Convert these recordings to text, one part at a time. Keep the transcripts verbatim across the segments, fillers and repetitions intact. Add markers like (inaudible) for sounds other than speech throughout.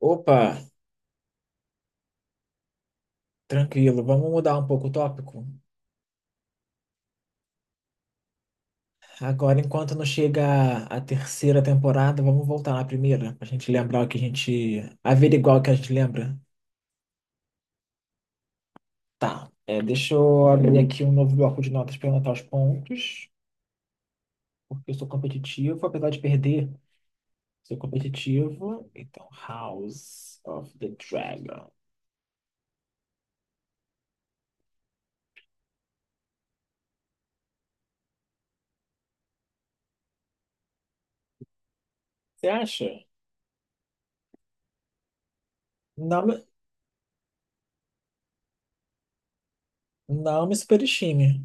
Opa, tranquilo, vamos mudar um pouco o tópico. Agora, enquanto não chega a terceira temporada, vamos voltar na primeira, pra gente lembrar o que a gente. Averiguar o que a gente lembra. Tá, é, deixa eu abrir aqui um novo bloco de notas para anotar os pontos, porque eu sou competitivo, apesar de perder, sou competitivo. Então, House of the Dragon. Você acha? Não, me- não me superestime.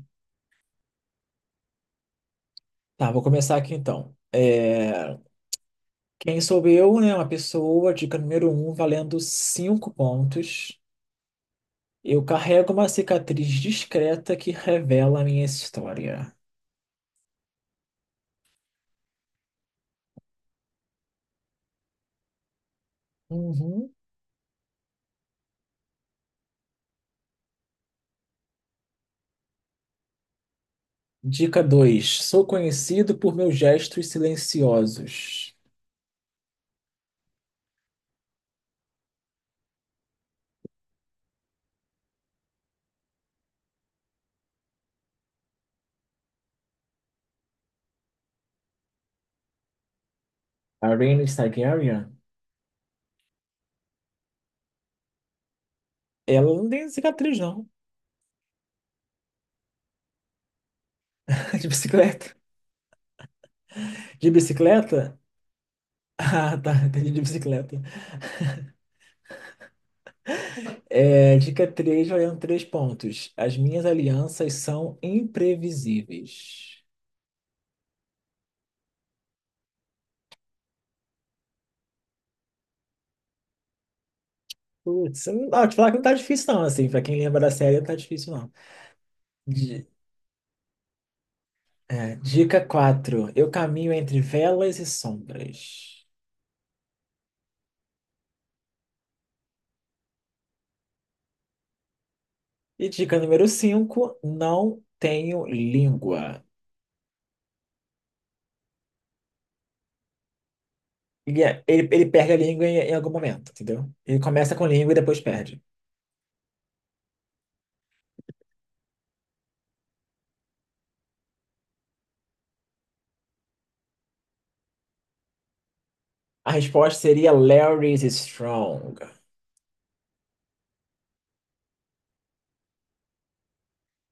Tá, vou começar aqui então. É, Quem sou eu, né? Uma pessoa, dica número um, valendo cinco pontos. Eu carrego uma cicatriz discreta que revela a minha história. Uhum. Dica dois. Sou conhecido por meus gestos silenciosos. A Rhaenys Targaryen? Ela não tem cicatriz, não. (laughs) De bicicleta. De bicicleta? (laughs) Ah, tá. Entendi de bicicleta. É, dica três, valendo três pontos. As minhas alianças são imprevisíveis. Putz, não, ó, te falar que não tá difícil não, assim, pra quem lembra da série não tá difícil não. Di- é, dica quatro eu caminho entre velas e sombras. E dica número cinco não tenho língua. Ele, é- ele, ele perde a língua em, em algum momento, entendeu? Ele começa com língua e depois perde. A resposta seria Larry's Strong.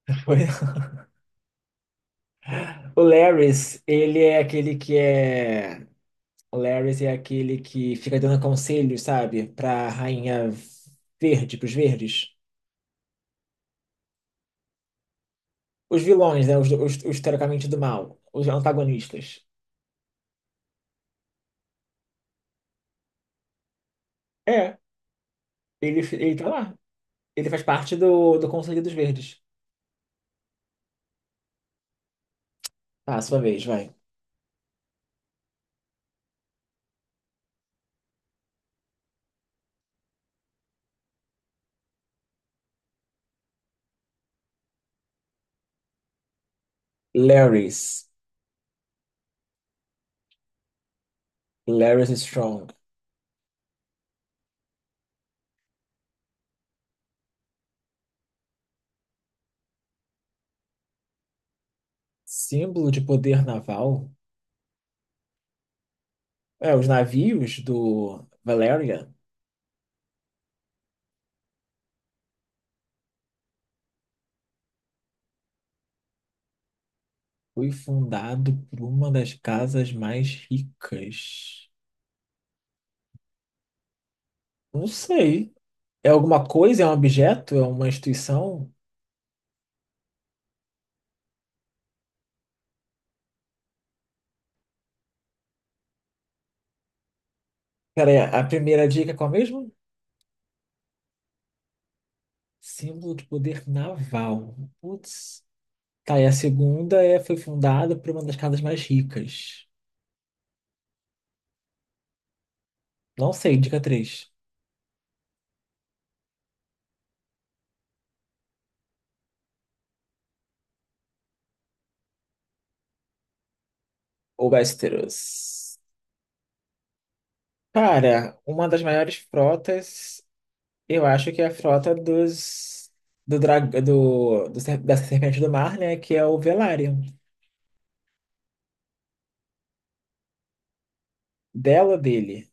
(laughs) O Larry's, ele é aquele que é... O Larry's é aquele que fica dando conselhos, sabe? Pra rainha verde, pros verdes. Os vilões, né? Os, os, os teoricamente do mal. Os antagonistas. É, ele, ele tá lá. Ele faz parte do, do Conselho dos Verdes. Tá, sua vez, vai. Larys. Larys Strong. Símbolo de poder naval. É, os navios do Valyria foi fundado por uma das casas mais ricas. Não sei. É alguma coisa? É um objeto? É uma instituição? Pera a primeira dica é qual mesmo? Símbolo de poder naval. Putz. Tá, e a segunda é, foi fundada por uma das casas mais ricas. Não sei, dica três. O Westeros. Cara, uma das maiores frotas, eu acho que é a frota dos. Do drag, do, do ser- da Serpente do Mar, né? Que é o Velaryon. Dela ou dele?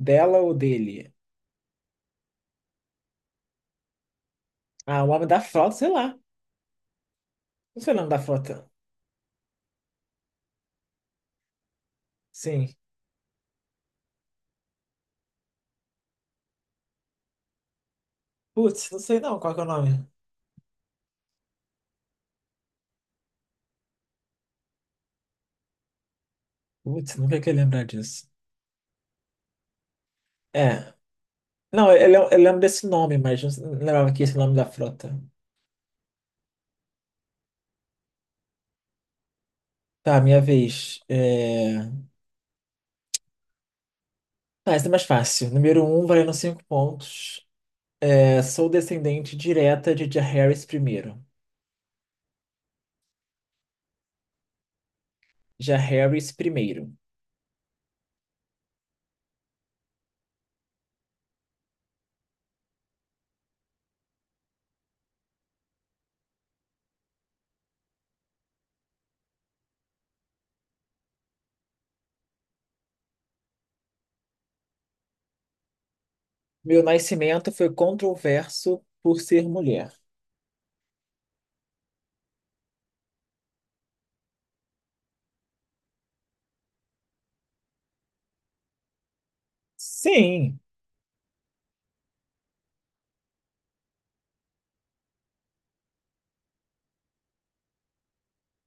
Dela ou dele? Ah, o nome da frota, sei lá. Não sei o nome da frota. Sim. Putz, não sei não qual que é o nome. Putz, nunca que lembrar disso. É. Não, eu, eu lembro desse nome, mas não não lembrava que esse é o nome da frota. Tá, minha vez. É... Tá, essa é mais fácil. Número um, valendo cinco pontos. É, sou descendente direta de Jaehaerys Harris primeiro. Jaehaerys Harris primeiro. Meu nascimento foi controverso por ser mulher. Sim,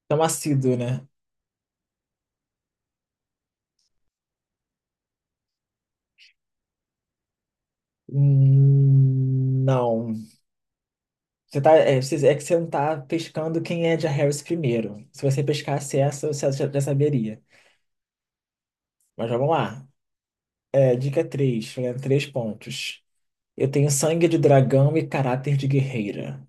tão assíduo, né? Hum, não. Você tá, é, você- é que você não tá pescando quem é de Harris primeiro. Se você pescasse essa, você já, já saberia. Mas vamos lá. É, dica três, três pontos. Eu tenho sangue de dragão e caráter de guerreira.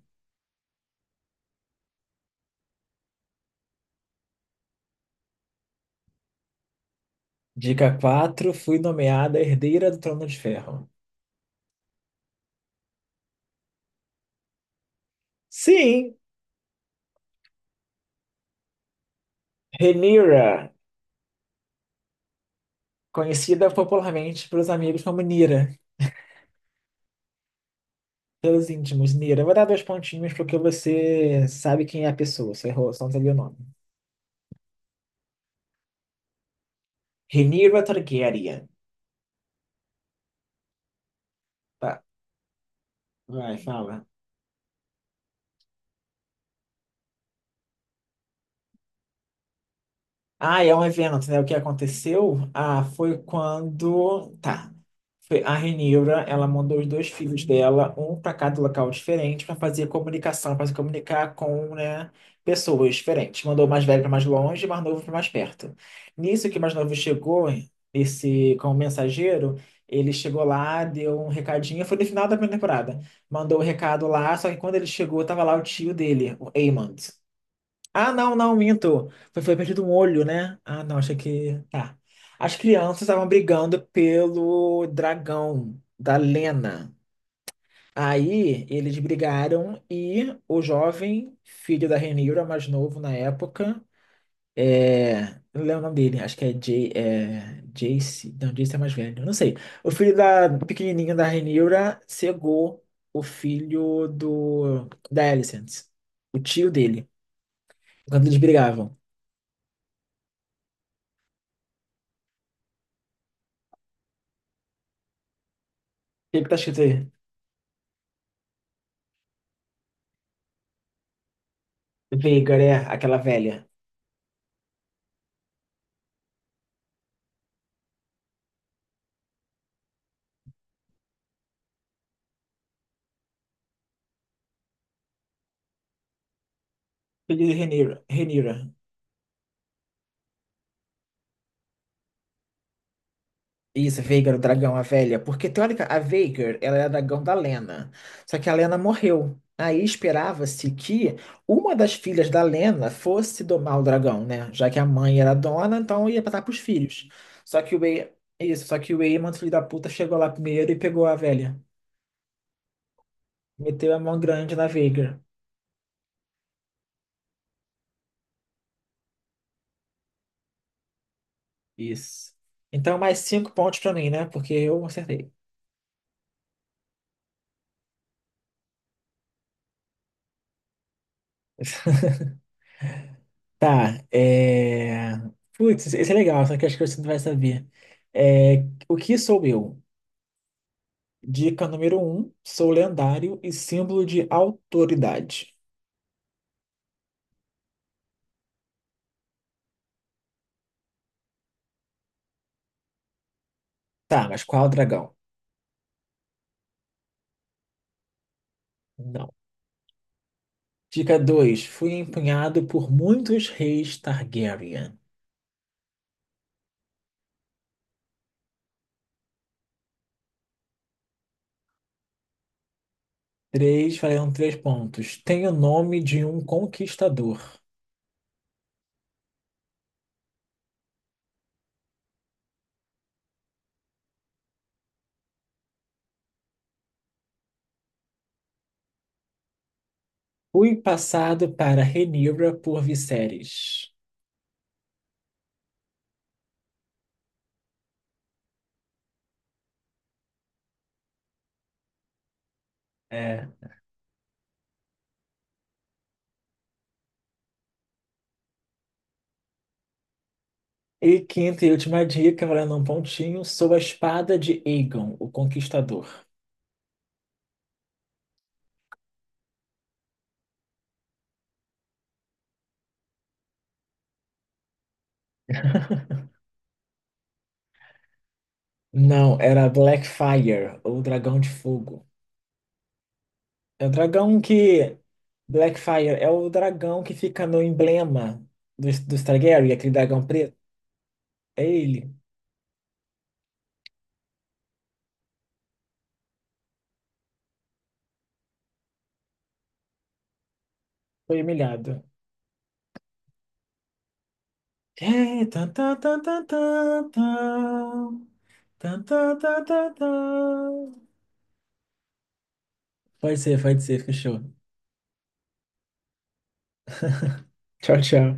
Dica quatro fui nomeada herdeira do Trono de Ferro. Sim, Rhaenyra, conhecida popularmente pelos amigos como Nira, pelos íntimos Nira. Eu vou dar dois pontinhos porque você sabe quem é a pessoa, você errou, só não sabia o nome. Rhaenyra Targaryen. Tá, vai, fala. Ah, é um evento, né? O que aconteceu? Ah, foi quando. Tá. Foi- A Renira, ela mandou os dois filhos dela, um para cada local diferente, para fazer comunicação, para se comunicar com, né, pessoas diferentes. Mandou o mais velho para mais longe, e o mais novo para mais perto. Nisso que o mais novo chegou, esse como mensageiro, ele chegou lá, deu um recadinho, foi no final da primeira temporada. Mandou o recado lá, só que quando ele chegou, tava lá o tio dele, o Aemond. Ah, não, não, minto. Foi, foi perdido um olho, né? Ah, não, achei que. Tá. As crianças estavam brigando pelo dragão da Lena. Aí eles brigaram e o jovem filho da Rhaenyra, mais novo na época, é... não lembro o nome dele, acho que é, Jay, é... Jace. Não, Jace é mais velho, não sei. O filho da pequenininho da Rhaenyra cegou o filho do da Alicent, o tio dele, quando eles brigavam. O que que tá escrito aí? Veigar é aquela velha. Filho de Rhaenyra. Rhaenyra. Isso, Veigar, o dragão, a velha. Porque, teórica, a Veigar, ela é a dragão da Lena. Só que a Lena morreu. Aí esperava-se que uma das filhas da Lena fosse domar o dragão, né? Já que a mãe era dona, então ia passar pros filhos. Só que o E... isso, só que o Aemon, filho da puta, chegou lá primeiro e pegou a velha. Meteu a mão grande na Veigar. Isso. Então, mais cinco pontos pra mim, né? Porque eu acertei. (laughs) Tá, é... Putz, esse é legal, só que acho que você não vai saber. É... O que sou eu? Dica número um, sou lendário e símbolo de autoridade. Tá, mas qual dragão? Não. Dica dois fui empunhado por muitos reis Targaryen. três, valendo três pontos. Tenho o nome de um conquistador. Fui passado para Rhaenyra por Viserys. É, e quinta e última dica, morando um pontinho, sou a espada de Aegon, o Conquistador. Não, era Blackfyre, ou Dragão de Fogo. É o dragão que. Blackfyre é o dragão que fica no emblema dos, dos Targaryen, aquele dragão preto. É ele. Foi humilhado. É, tan, tan, tan, tan, tan, tan. Tan, tan, tan, tan, tan. Pode ser, pode ser, fechou. Tchau, tchau.